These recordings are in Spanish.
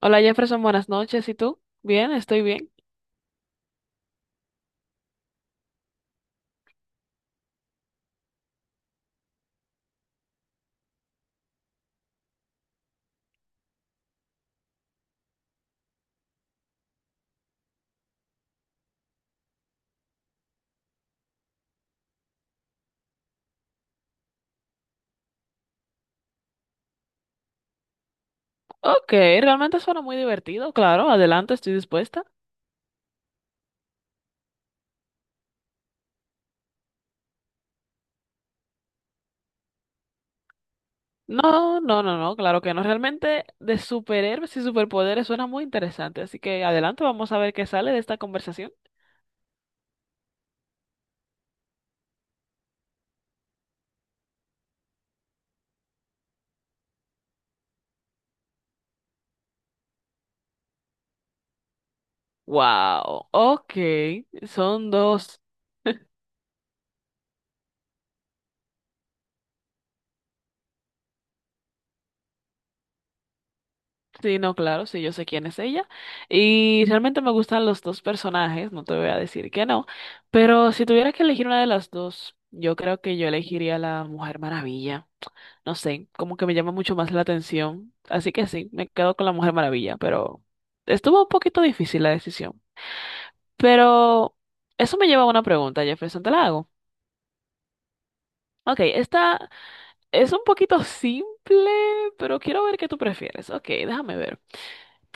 Hola Jefferson, buenas noches. ¿Y tú? Bien, estoy bien. Ok, realmente suena muy divertido, claro. Adelante, estoy dispuesta. No, no, no, no, claro que no. Realmente de superhéroes y superpoderes suena muy interesante. Así que adelante, vamos a ver qué sale de esta conversación. Wow, ok. Son dos. Sí, no, claro, sí, yo sé quién es ella. Y realmente me gustan los dos personajes, no te voy a decir que no. Pero si tuviera que elegir una de las dos, yo creo que yo elegiría la Mujer Maravilla. No sé, como que me llama mucho más la atención. Así que sí, me quedo con la Mujer Maravilla, pero estuvo un poquito difícil la decisión. Pero eso me lleva a una pregunta, Jefferson, te la hago. Ok, esta es un poquito simple, pero quiero ver qué tú prefieres. Ok, déjame ver.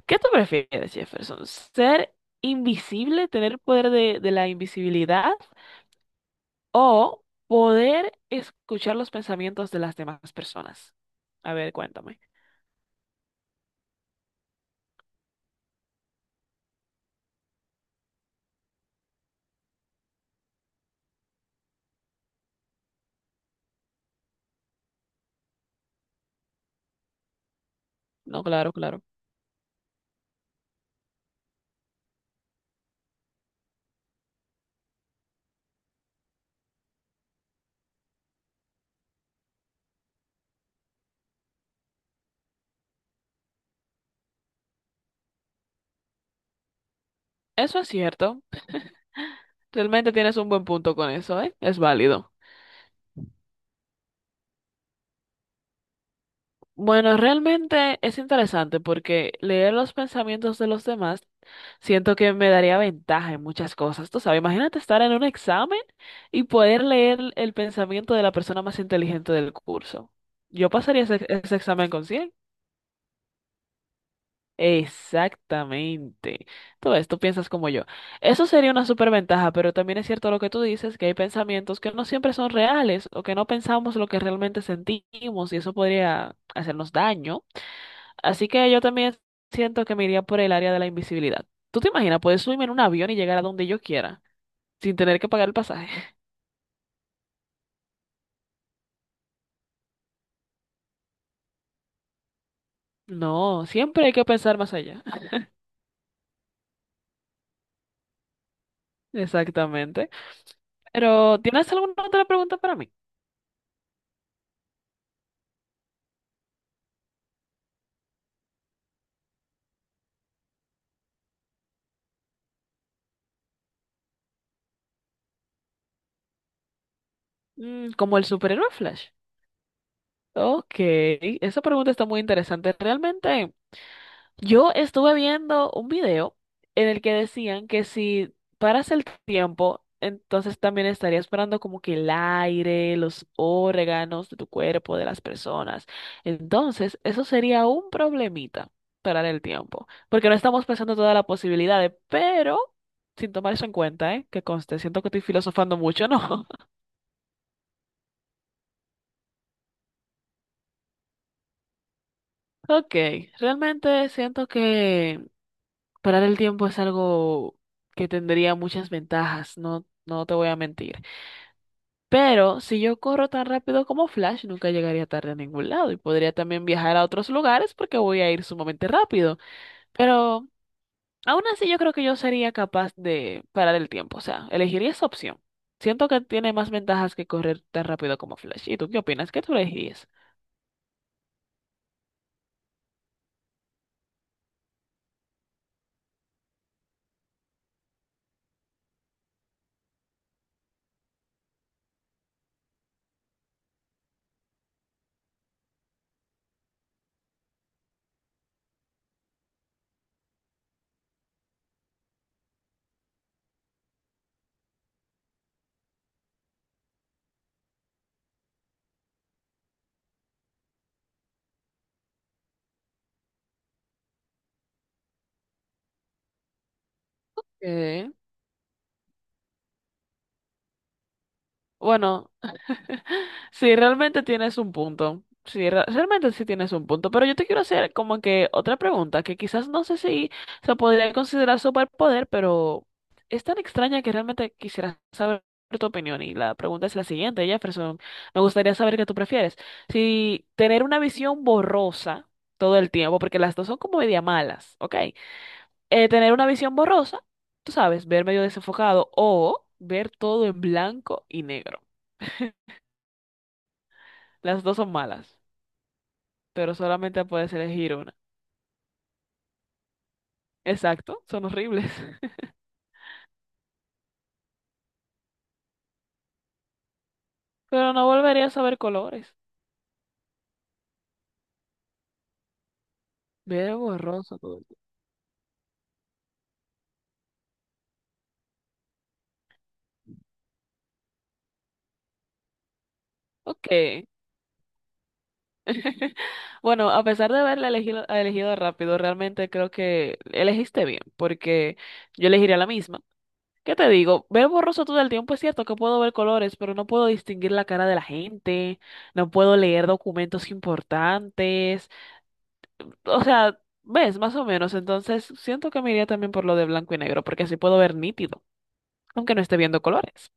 ¿Qué tú prefieres, Jefferson? ¿Ser invisible, tener poder de la invisibilidad o poder escuchar los pensamientos de las demás personas? A ver, cuéntame. No, claro, claro. Eso es cierto. Realmente tienes un buen punto con eso, ¿eh? Es válido. Bueno, realmente es interesante porque leer los pensamientos de los demás siento que me daría ventaja en muchas cosas. Tú sabes, imagínate estar en un examen y poder leer el pensamiento de la persona más inteligente del curso. Yo pasaría ese examen con 100. Exactamente. Todo esto piensas como yo. Eso sería una superventaja, pero también es cierto lo que tú dices, que hay pensamientos que no siempre son reales o que no pensamos lo que realmente sentimos y eso podría hacernos daño. Así que yo también siento que me iría por el área de la invisibilidad. ¿Tú te imaginas? Puedes subirme en un avión y llegar a donde yo quiera sin tener que pagar el pasaje. No, siempre hay que pensar más allá. Exactamente. Pero, ¿tienes alguna otra pregunta para mí? Mm, como el superhéroe Flash. Ok, esa pregunta está muy interesante. Realmente, yo estuve viendo un video en el que decían que si paras el tiempo, entonces también estarías parando como que el aire, los órganos de tu cuerpo, de las personas. Entonces, eso sería un problemita, parar el tiempo, porque no estamos pensando todas las posibilidades, pero sin tomar eso en cuenta, ¿eh? Que conste, siento que estoy filosofando mucho, ¿no? Ok, realmente siento que... Parar el tiempo es algo que tendría muchas ventajas, no, no te voy a mentir. Pero si yo corro tan rápido como Flash, nunca llegaría tarde a ningún lado y podría también viajar a otros lugares porque voy a ir sumamente rápido. Pero aún así yo creo que yo sería capaz de parar el tiempo, o sea, elegiría esa opción. Siento que tiene más ventajas que correr tan rápido como Flash. ¿Y tú qué opinas? ¿Qué tú elegirías? Eh, Bueno, sí, realmente tienes un punto. Sí, realmente sí tienes un punto. Pero yo te quiero hacer como que otra pregunta, que quizás no sé si se podría considerar superpoder, pero es tan extraña que realmente quisiera saber tu opinión. Y la pregunta es la siguiente, Jefferson. Me gustaría saber qué tú prefieres. Si tener una visión borrosa todo el tiempo, porque las dos son como media malas, ¿ok? Tener una visión borrosa, tú sabes, ver medio desenfocado o ver todo en blanco y negro. Las dos son malas, pero solamente puedes elegir una. Exacto, son horribles. Pero no volverías a ver colores. Ver borroso todo el tiempo. Ok. Bueno, a pesar de haberla elegido, elegido rápido, realmente creo que elegiste bien, porque yo elegiría la misma. ¿Qué te digo? Ver borroso todo el tiempo es cierto que puedo ver colores, pero no puedo distinguir la cara de la gente, no puedo leer documentos importantes. O sea, ves, más o menos. Entonces, siento que me iría también por lo de blanco y negro, porque así puedo ver nítido, aunque no esté viendo colores.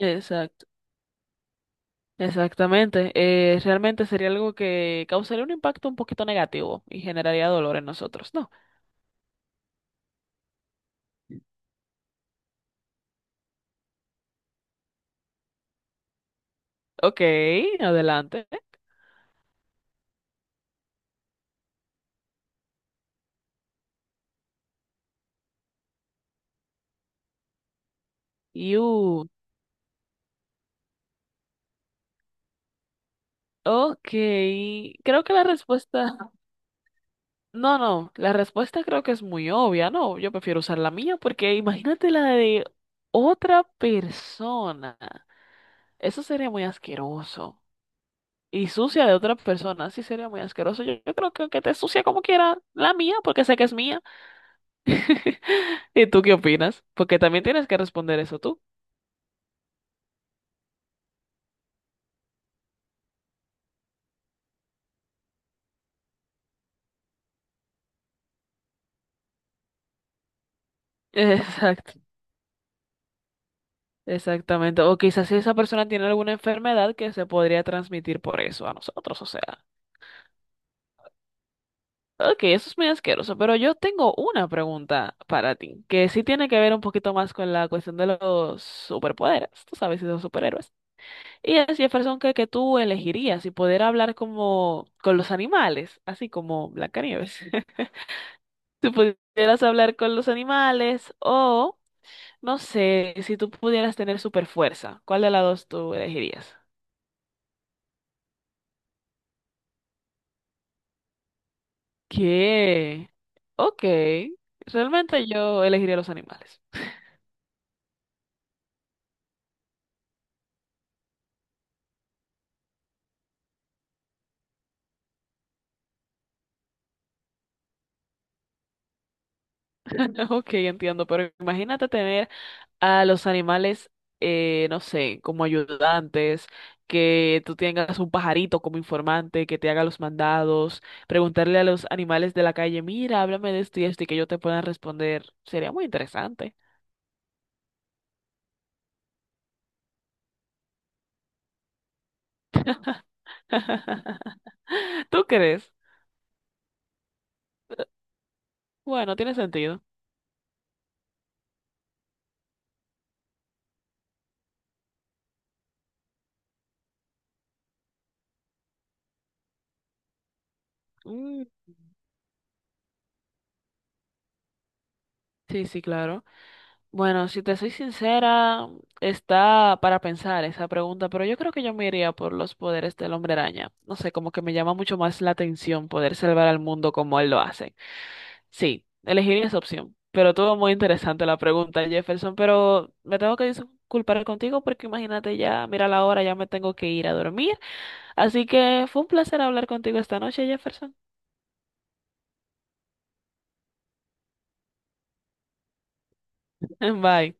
Exacto, exactamente. Realmente sería algo que causaría un impacto un poquito negativo y generaría dolor en nosotros, ¿no? Ok, adelante. You. Ok, creo que la respuesta... No, no, la respuesta creo que es muy obvia, ¿no? Yo prefiero usar la mía porque imagínate la de otra persona. Eso sería muy asqueroso. Y sucia de otra persona, sí sería muy asqueroso. Yo creo que te sucia como quiera, la mía, porque sé que es mía. ¿Y tú qué opinas? Porque también tienes que responder eso tú. Exacto, exactamente. O quizás si esa persona tiene alguna enfermedad que se podría transmitir por eso a nosotros. O sea, ok, eso es muy asqueroso, pero yo tengo una pregunta para ti, que sí tiene que ver un poquito más con la cuestión de los superpoderes, tú sabes, y los superhéroes. Y es Jefferson que tú elegirías si poder hablar como con los animales, así como Blancanieves. Si pudieras hablar con los animales o... No sé, si tú pudieras tener super fuerza, ¿cuál de las dos tú elegirías? ¿Qué? Ok, realmente yo elegiría los animales. Ok, entiendo, pero imagínate tener a los animales, no sé, como ayudantes, que tú tengas un pajarito como informante que te haga los mandados, preguntarle a los animales de la calle, mira, háblame de esto y esto y que yo te puedan responder. Sería muy interesante. ¿Tú crees? Bueno, tiene sentido. Mm, sí, sí, claro. Bueno, si te soy sincera, está para pensar esa pregunta, pero yo creo que yo me iría por los poderes del hombre araña. No sé, como que me llama mucho más la atención poder salvar al mundo como él lo hace. Sí, elegiría esa opción. Pero todo muy interesante la pregunta, Jefferson, pero me tengo que disculpar contigo porque imagínate ya, mira la hora, ya me tengo que ir a dormir. Así que fue un placer hablar contigo esta noche, Jefferson. Bye.